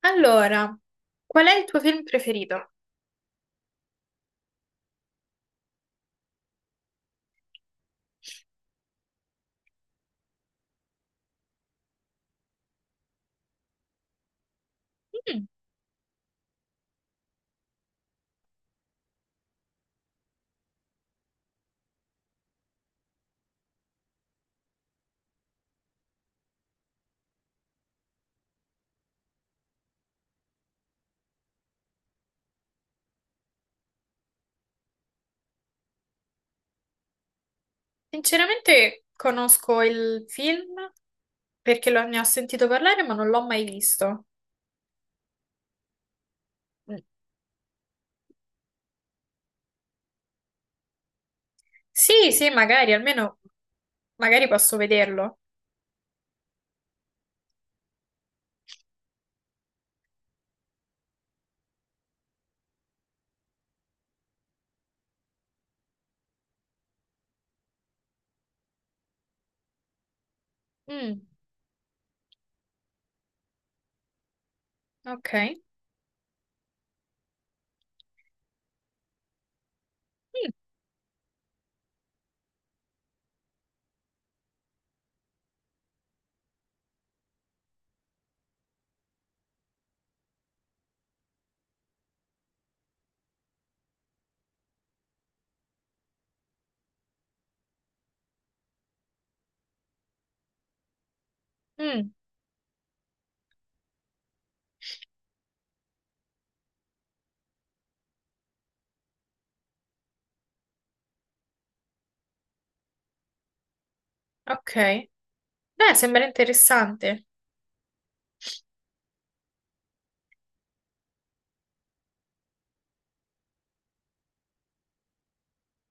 Allora, qual è il tuo film preferito? Mm, Sinceramente conosco il film perché ne ho sentito parlare, ma non l'ho mai visto. Mm. Sì, sì, magari, almeno magari posso vederlo. Mm, ok. Mm, mm, ok. Beh, sembra interessante.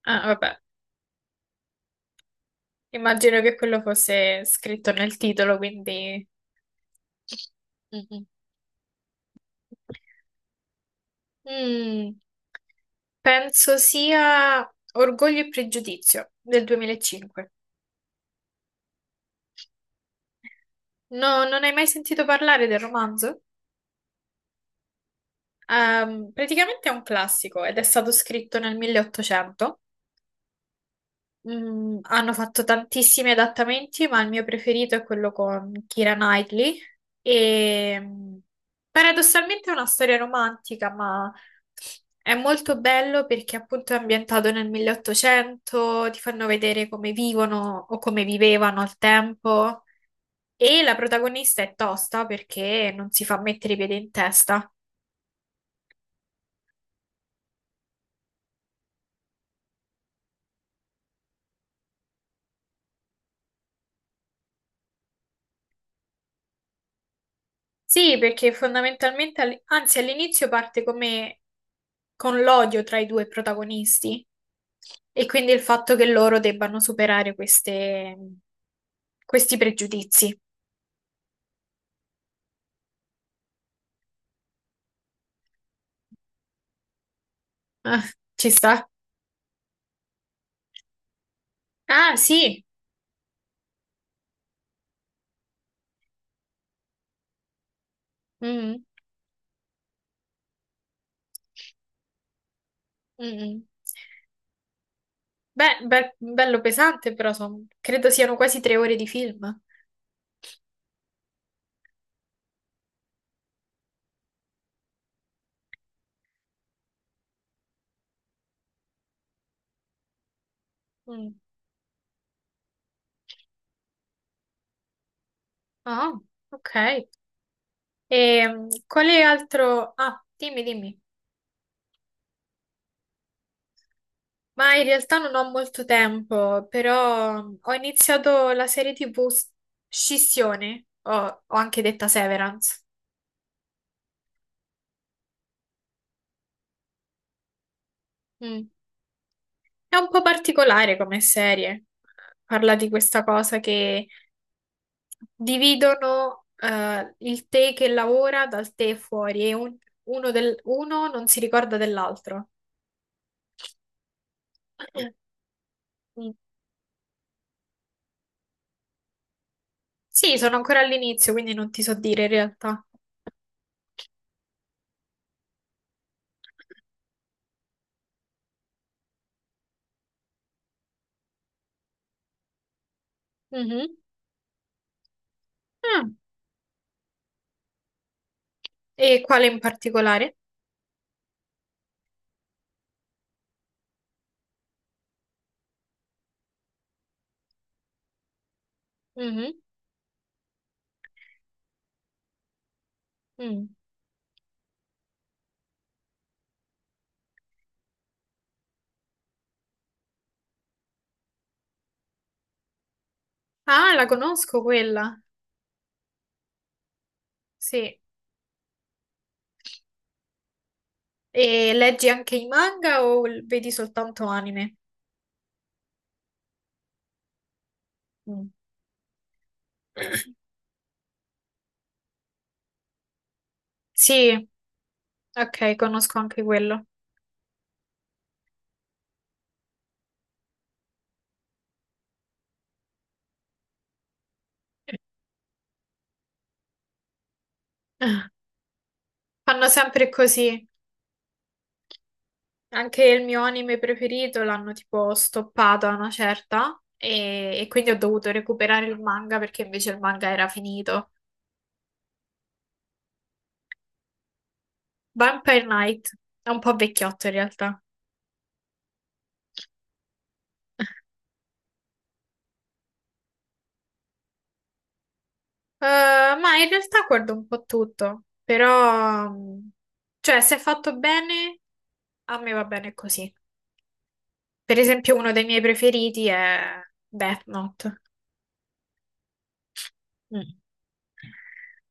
Ah, vabbè, immagino che quello fosse scritto nel titolo, quindi. Mm, mm. Mm, Penso sia Orgoglio e Pregiudizio del 2005. No, non hai mai sentito parlare del romanzo? Praticamente è un classico ed è stato scritto nel 1800. Hanno fatto tantissimi adattamenti, ma il mio preferito è quello con Keira Knightley. E paradossalmente è una storia romantica, ma è molto bello perché appunto è ambientato nel 1800, ti fanno vedere come vivono o come vivevano al tempo. E la protagonista è tosta perché non si fa mettere i piedi in testa. Sì, perché fondamentalmente, anzi all'inizio parte come con l'odio tra i due protagonisti e quindi il fatto che loro debbano superare questi pregiudizi. Ah, ci sta? Ah, sì. Mm, mm, mm. Beh, bello pesante, però credo siano quasi 3 ore di film. Mm. Ah, ok. E quale altro. Ah, dimmi, dimmi. Ma in realtà non ho molto tempo, però ho iniziato la serie TV Scissione, o anche detta Severance. Mm. È un po' particolare come serie. Parla di questa cosa che dividono il te che lavora dal te fuori e uno, uno non si ricorda dell'altro. Mm. Sì, sono ancora all'inizio, quindi non ti so dire in realtà. Mhm. Ah, e quale in particolare? Mhm, mm. Ah, la conosco quella. Sì. E leggi anche i manga o vedi soltanto anime? Mm. Sì, ok, conosco anche quello. Ah, fanno sempre così. Anche il mio anime preferito l'hanno tipo stoppato a una certa e quindi ho dovuto recuperare il manga perché invece il manga era finito. Vampire Knight è un po' vecchiotto in realtà. Ma in realtà guardo un po' tutto, però, cioè, se è fatto bene, a me va bene così. Per esempio, uno dei miei preferiti è Death Note. Mm.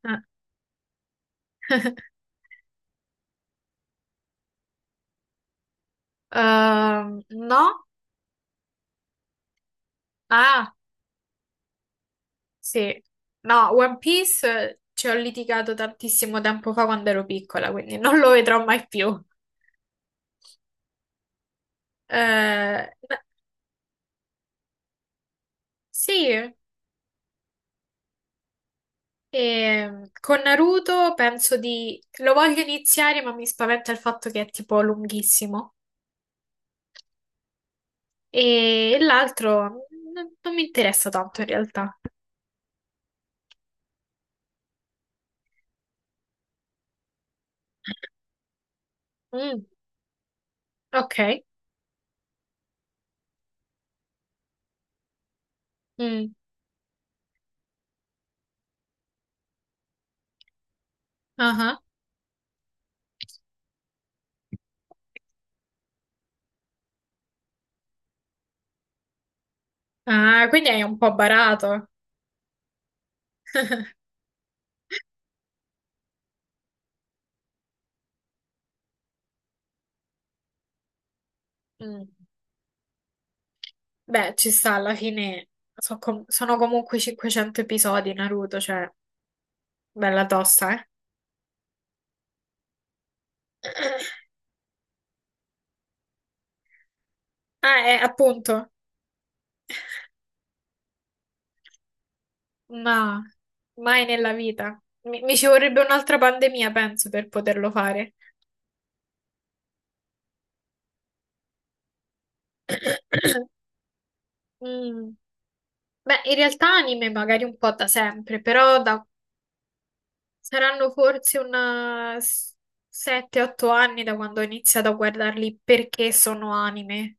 Ah. No? Ah, sì. No, One Piece ci ho litigato tantissimo tempo fa quando ero piccola, quindi non lo vedrò mai più. Eh, ma- sì. E con Naruto penso di, lo voglio iniziare, ma mi spaventa il fatto che è tipo lunghissimo. E l'altro non mi interessa tanto in realtà. Mm, ok. Mm, ah ah. Ah, quindi hai un po' barato. Mm. Beh, ci sta, alla fine sono comunque 500 episodi Naruto, cioè bella tosta, eh. Ah, appunto. Ma mai nella vita. Mi ci vorrebbe un'altra pandemia, penso, per poterlo fare. Mm. Beh, in realtà anime magari un po' da sempre, però saranno forse un 7-8 anni da quando ho iniziato a guardarli perché sono anime.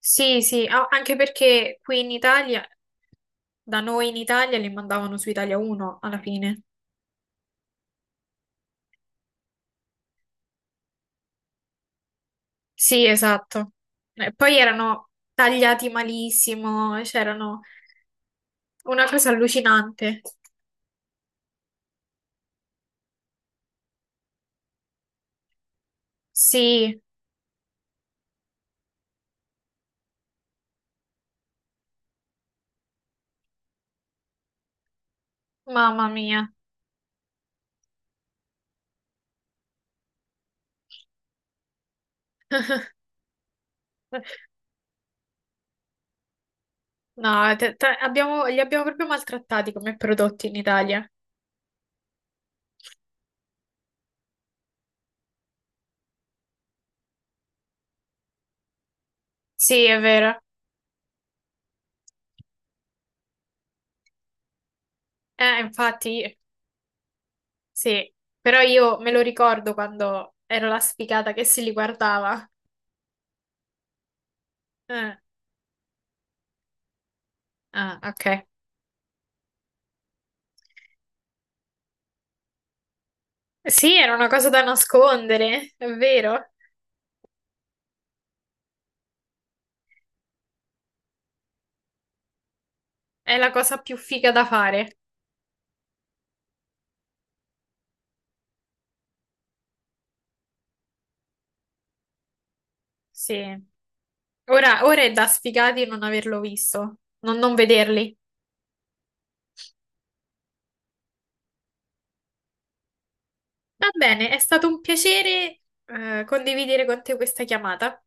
Sì, sì, anche perché qui in Italia, da noi in Italia, li mandavano su Italia 1 alla fine. Sì, esatto. E poi erano tagliati malissimo, c'erano una cosa allucinante. Sì, mamma mia. No, li abbiamo proprio maltrattati come prodotti in Italia. Sì, è vero. Infatti, sì. Però io me lo ricordo quando ero la sfigata che si li guardava. Eh, Ah, ok. Sì, era una cosa da nascondere, è vero. È la cosa più figa da fare. Sì. Ora è da sfigati non averlo visto, non vederli. Va bene, è stato un piacere, condividere con te questa chiamata.